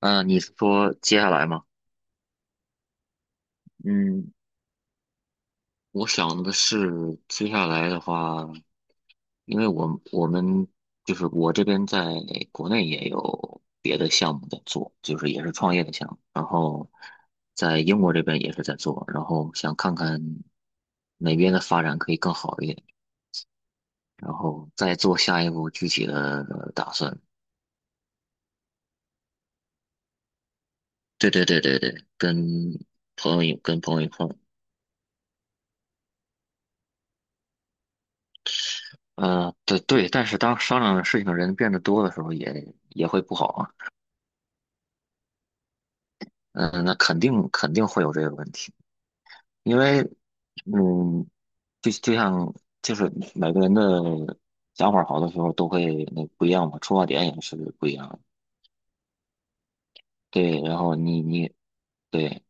嗯，你是说接下来吗？嗯，我想的是接下来的话，因为我们就是我这边在国内也有别的项目在做，就是也是创业的项目，然后在英国这边也是在做，然后想看看哪边的发展可以更好一点，然后再做下一步具体的打算。对对对对对，跟朋友一块儿。对对，但是当商量的事情的人变得多的时候也会不好啊。嗯、那肯定肯定会有这个问题，因为，嗯，就像就是每个人的想法好的时候都会那不一样嘛，出发点也是不一样的。对，然后你对。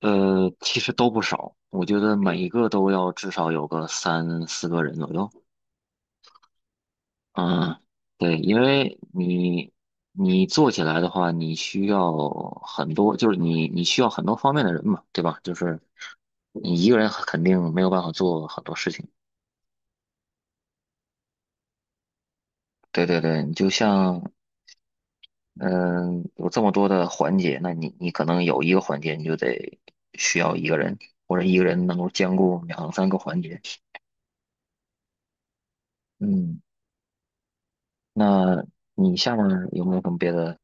其实都不少，我觉得每一个都要至少有个三四个人左右。嗯，对，因为你做起来的话，你需要很多，就是你需要很多方面的人嘛，对吧？就是你一个人肯定没有办法做很多事情。对对对，你就像嗯，有这么多的环节，那你可能有一个环节你就得需要一个人，或者一个人能够兼顾两三个环节。嗯，那你下面有没有什么别的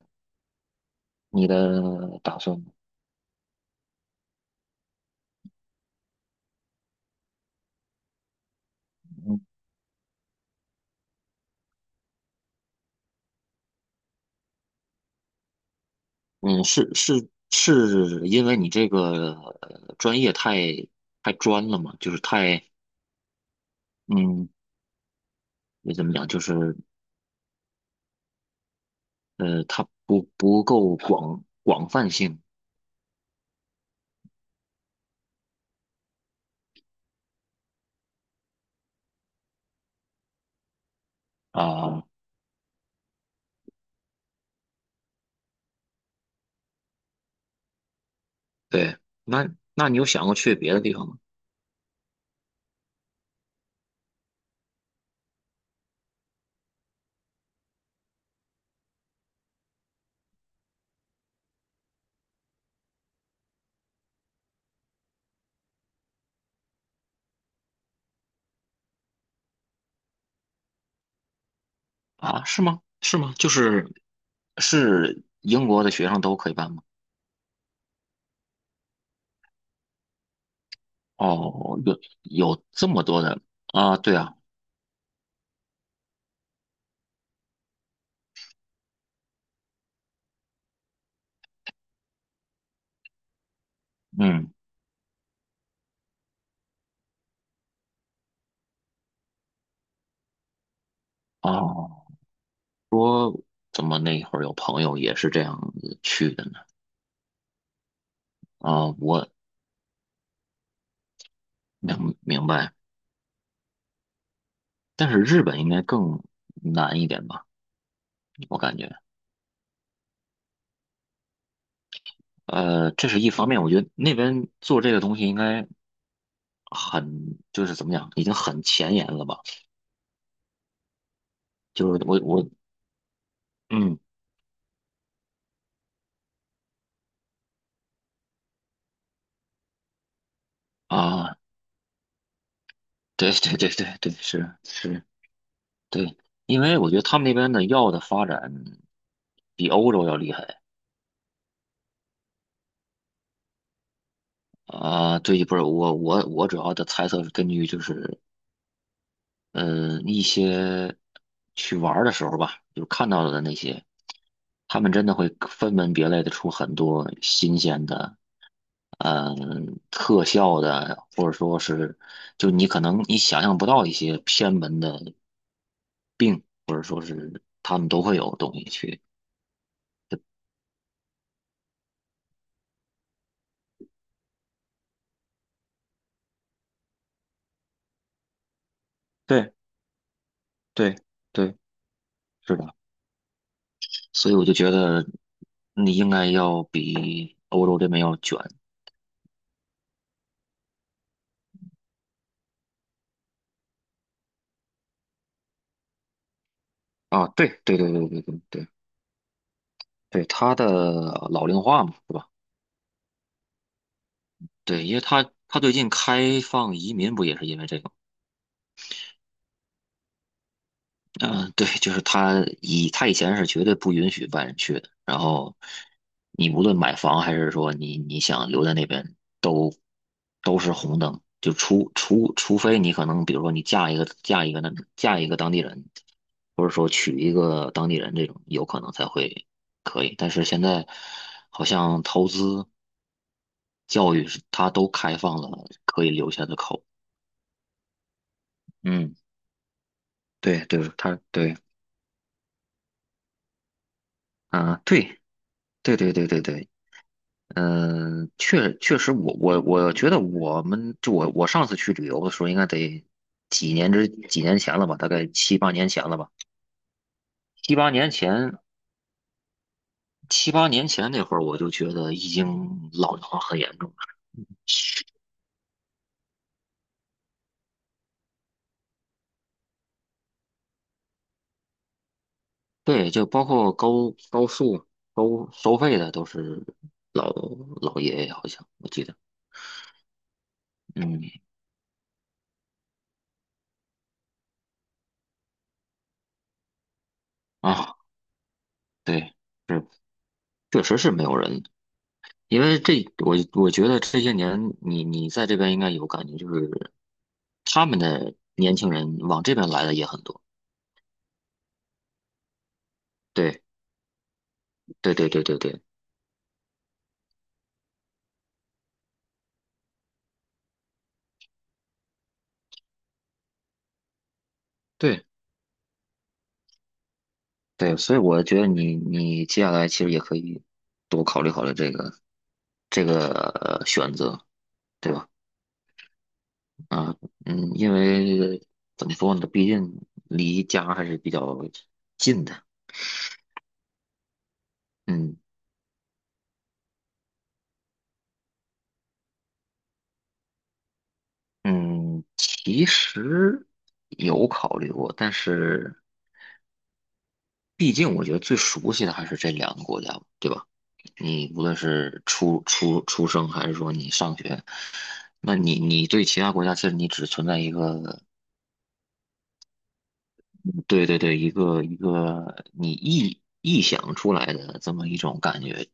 你的打算？嗯嗯，是是是因为你这个专业太专了嘛，就是太嗯，你怎么讲，就是它不够广泛性啊。对，那那你有想过去别的地方吗？啊，是吗？是吗？就是是英国的学生都可以办吗？哦，有这么多的啊？对啊。嗯，哦，怎么那会儿有朋友也是这样子去的呢？啊，我明白。但是日本应该更难一点吧，我感觉。这是一方面，我觉得那边做这个东西应该很，就是怎么讲，已经很前沿了吧？就是我我嗯啊，对对对对对，是是。对，因为我觉得他们那边的药的发展比欧洲要厉害啊。对，不是我主要的猜测是根据就是嗯，一些去玩儿的时候吧，就看到的那些，他们真的会分门别类的出很多新鲜的，特效的，或者说是，就你可能你想象不到一些偏门的病，或者说是他们都会有东西去，对对对，是的，所以我就觉得你应该要比欧洲这边要卷。啊，对对对对对对对。对他的老龄化嘛，是吧？对，因为他最近开放移民不也是因为这个吗？嗯、对，就是他以前是绝对不允许外人去的，然后你无论买房还是说你想留在那边，都是红灯，就除非你可能比如说你嫁一个当地人，或者说娶一个当地人这种，有可能才会可以。但是现在好像投资、教育是他都开放了可以留下的口。嗯，对对，他对啊，对对对对对对。嗯、确实我觉得我们就我我上次去旅游的时候，应该得几年前了吧，大概七八年前了吧。七八年前七八年前那会儿，我就觉得已经老龄化很严重了。对，就包括高速收费的都是老老爷爷，好像我记得。嗯啊，对，是确实是没有人。因为我觉得这些年你在这边应该有感觉，就是他们的年轻人往这边来的也很多。对对对对对对对对，所以我觉得你接下来其实也可以多考虑考虑这个选择，对吧？啊嗯，因为怎么说呢，毕竟离家还是比较近的。嗯嗯，其实有考虑过，但是。毕竟我觉得最熟悉的还是这两个国家，对吧？你无论是出生，还是说你上学，那你对其他国家，其实你只存在一个。对对对，一个一个你臆想出来的这么一种感觉，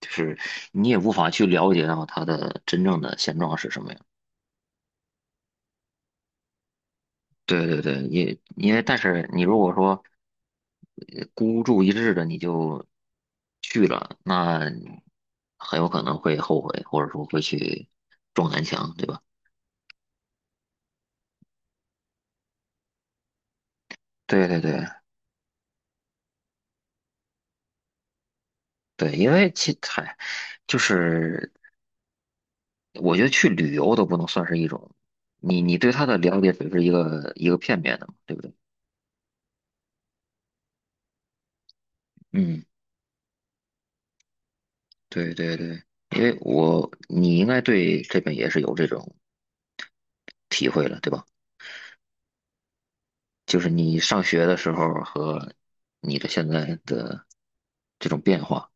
就是你也无法去了解到它的真正的现状是什么样。对对对，也因为但是你如果说孤注一掷的你就去了，那很有可能会后悔，或者说会去撞南墙，对吧？对对对对，因为就是我觉得去旅游都不能算是一种，你对他的了解只是一个一个片面的嘛，对不对？嗯，对对对，因为你应该对这边也是有这种体会了，对吧？就是你上学的时候和你的现在的这种变化。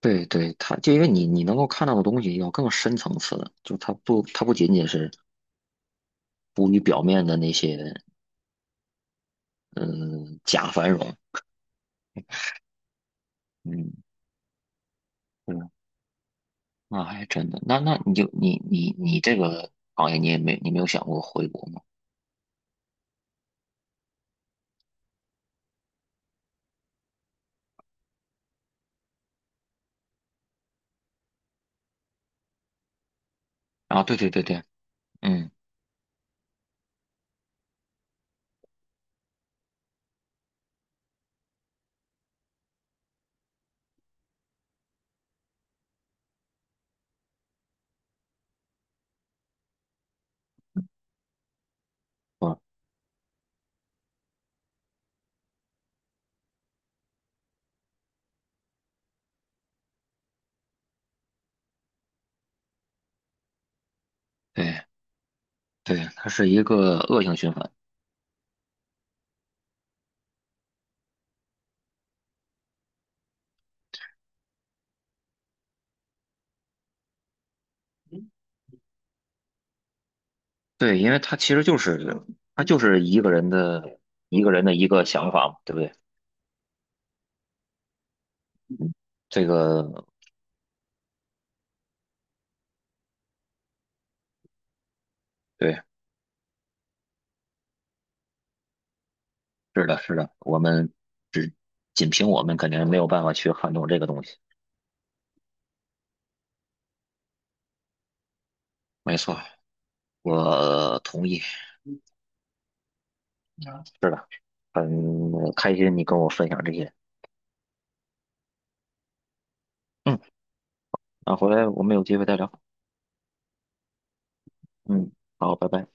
对对，它就因为你能够看到的东西要更深层次的，就它不仅仅是浮于表面的那些嗯假繁荣。嗯，对，那还真的，那你这个行业你没有想过回国吗？啊，对对对对，嗯，不，对对，它是一个恶性循环。对，因为他就是一个人的一个想法嘛，对不对？嗯这个对，是的，是的，我们只仅凭我们肯定没有办法去撼动这个东西。没错，我同意。嗯是的，很开心你跟我分享这些。嗯，那回来我们有机会再聊。嗯，好，拜拜。